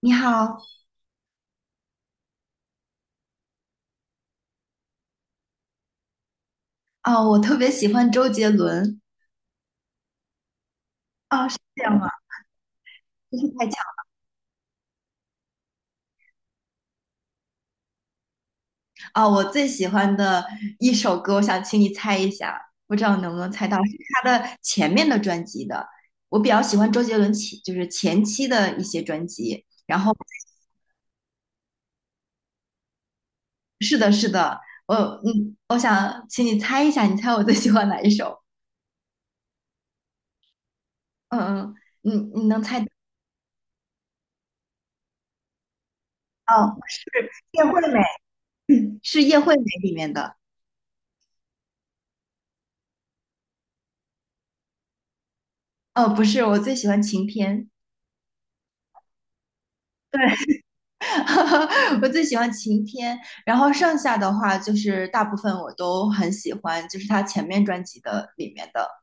你好。啊，我特别喜欢周杰伦。啊，是这样吗？真是太巧啊，我最喜欢的一首歌，我想请你猜一下，不知道能不能猜到，是他的前面的专辑的。我比较喜欢周杰伦前，就是前期的一些专辑。然后，是的，是的，我我想请你猜一下，你猜我最喜欢哪一首？嗯嗯，你你能猜到？哦，是叶惠美，是叶惠美里面的。哦，不是，我最喜欢晴天。对。我最喜欢晴天，然后剩下的话就是大部分我都很喜欢，就是他前面专辑的里面的。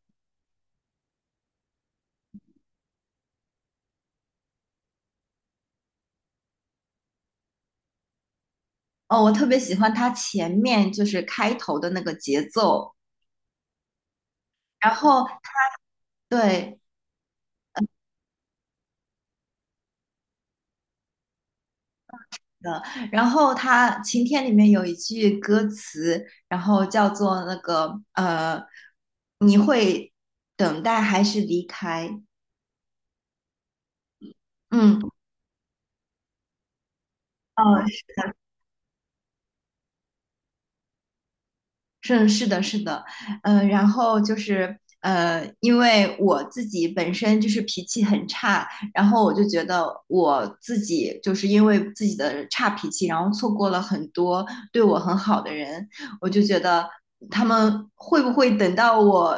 哦，我特别喜欢他前面就是开头的那个节奏，然后对的，然后他晴天里面有一句歌词，然后叫做那个你会等待还是离开？嗯，呃，是的，是的，然后就是因为我自己本身就是脾气很差，然后我就觉得我自己就是因为自己的差脾气，然后错过了很多对我很好的人，我就觉得他们会不会等到我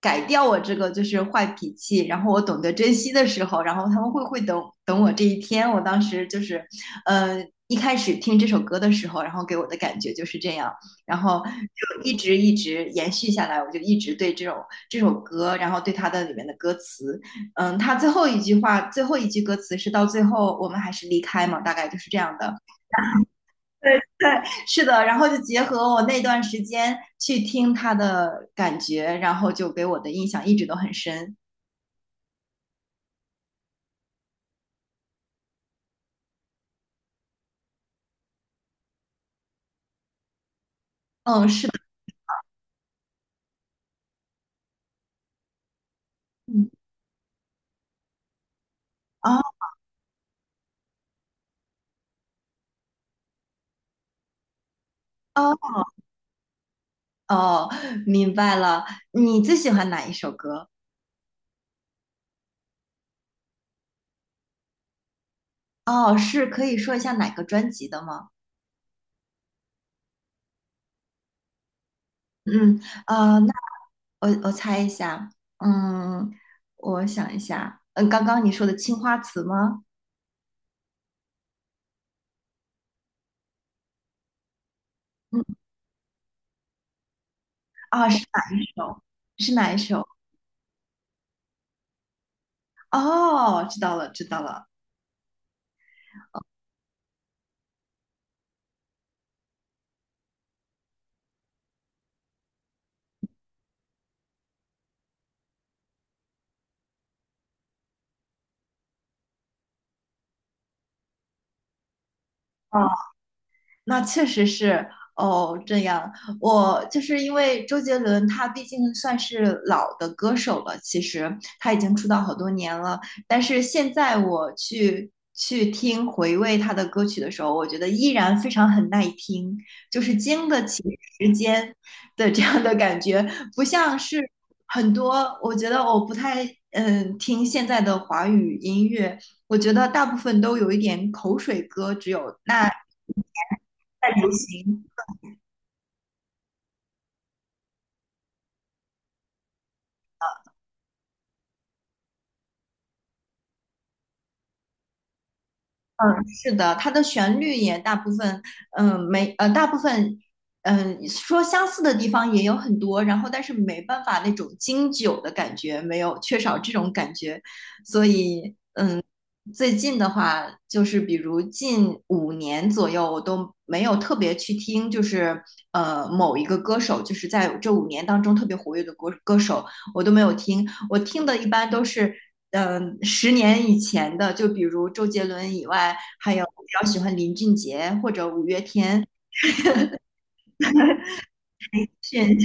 改掉我这个就是坏脾气，然后我懂得珍惜的时候，然后他们会不会等等我这一天？我当时就是，呃，一开始听这首歌的时候，然后给我的感觉就是这样。然后就一直延续下来，我就一直对这首歌，然后对它的里面的歌词，它最后一句话，最后一句歌词是到最后我们还是离开嘛，大概就是这样的。对对，是的。然后就结合我那段时间去听它的感觉，然后就给我的印象一直都很深。嗯，是的。嗯，哦哦哦，明白了。你最喜欢哪一首歌？哦，是可以说一下哪个专辑的吗？嗯，那。我猜一下，嗯，我想一下，刚刚你说的《青花瓷》吗？嗯，啊，是哪一首？是哪一首？哦，知道了，知道了。那确实是哦，这样。我就是因为周杰伦，他毕竟算是老的歌手了，其实他已经出道好多年了。但是现在我去听回味他的歌曲的时候，我觉得依然非常很耐听，就是经得起时间的这样的感觉，不像是很多。我觉得我不太听现在的华语音乐，我觉得大部分都有一点口水歌，只有那。在流行嗯，是的，它的旋律也大部分，没，大部分，说相似的地方也有很多，然后但是没办法那种经久的感觉，没有缺少这种感觉，所以最近的话，就是比如近五年左右，我都没有特别去听，就是某一个歌手，就是在这五年当中特别活跃的歌手，我都没有听。我听的一般都是，10年以前的，就比如周杰伦以外，还有我比较喜欢林俊杰或者五月天。炫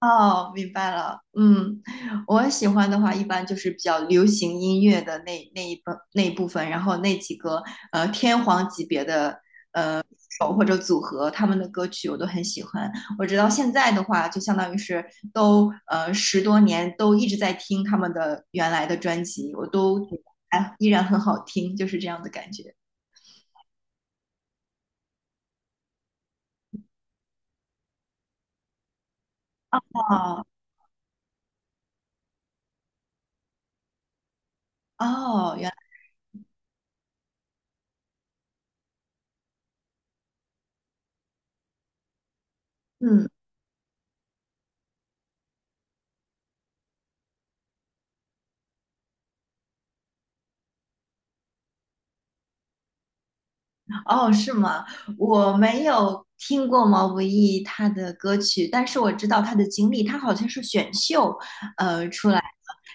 哦，明白了。嗯，我喜欢的话，一般就是比较流行音乐的那一部分，然后那几个天皇级别的手或者组合他们的歌曲我都很喜欢。我直到现在的话，就相当于是都10多年都一直在听他们的原来的专辑，我都觉得哎依然很好听，就是这样的感觉。哦哦，原来嗯哦是吗？我没有听过毛不易他的歌曲，但是我知道他的经历，他好像是选秀，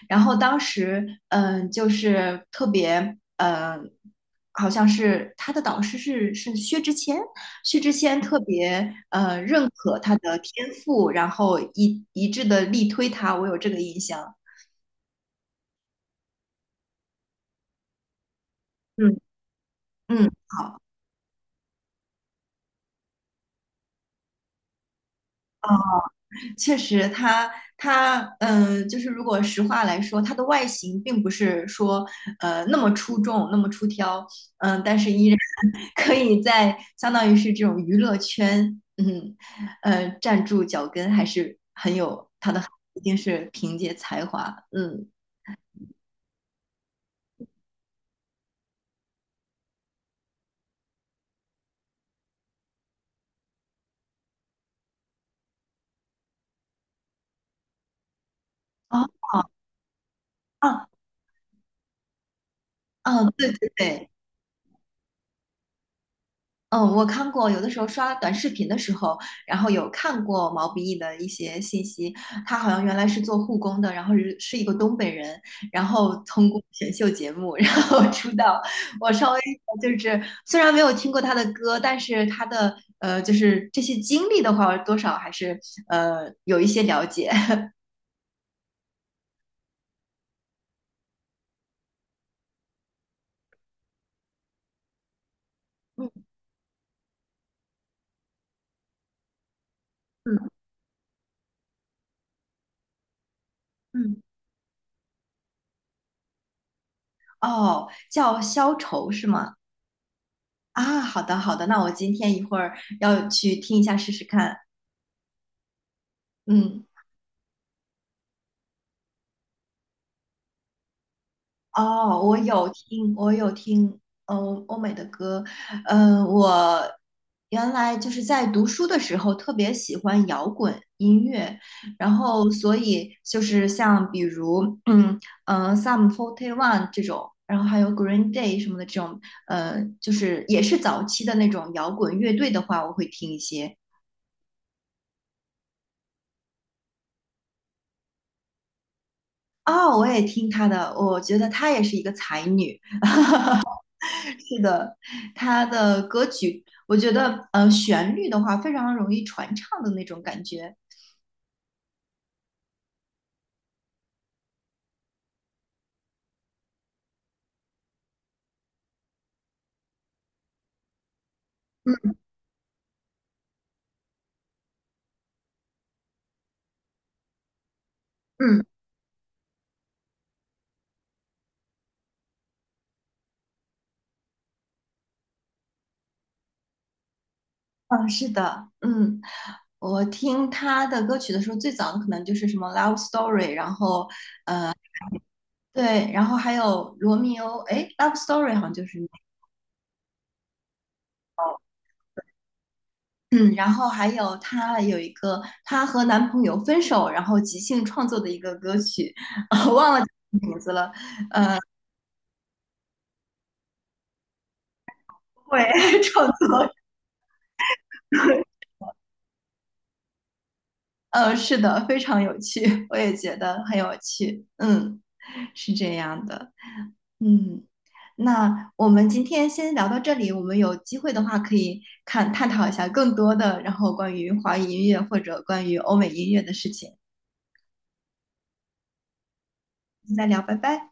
然后当时，嗯，就是特别，好像是他的导师是薛之谦，薛之谦特别认可他的天赋，然后一致的力推他，我有这个印象。嗯嗯，好。确实它就是如果实话来说，它的外形并不是说那么出众、那么出挑，嗯，但是依然 可以在相当于是这种娱乐圈，嗯，站住脚跟，还是很有它的，一定是凭借才华，嗯，哦，哦哦，对对对。嗯，我看过，有的时候刷短视频的时候，然后有看过毛不易的一些信息。他好像原来是做护工的，然后是一个东北人，然后通过选秀节目，然后 出道。我稍微就是虽然没有听过他的歌，但是他的就是这些经历的话，多少还是有一些了解。嗯嗯嗯，哦，叫消愁是吗？啊，好的好的，那我今天一会儿要去听一下试试看。嗯。哦，我有听，我有听，嗯，欧美的歌，我原来就是在读书的时候特别喜欢摇滚音乐，然后所以就是像比如，Sum 41 这种，然后还有 Green Day 什么的这种，就是也是早期的那种摇滚乐队的话，我会听一些。哦，我也听她的，我觉得她也是一个才女。是的，他的歌曲，我觉得旋律的话非常容易传唱的那种感觉。嗯嗯嗯，是的，嗯，我听他的歌曲的时候，最早的可能就是什么《Love Story》，然后对，然后还有《罗密欧》，哎，《Love Story》好像就是那个，嗯，然后还有她有一个她和男朋友分手，然后即兴创作的一个歌曲，我忘了名字了，呃，会 创作。是的，非常有趣，我也觉得很有趣。嗯，是这样的。嗯，那我们今天先聊到这里，我们有机会的话可以看探讨一下更多的，然后关于华语音乐或者关于欧美音乐的事情，再聊，拜拜。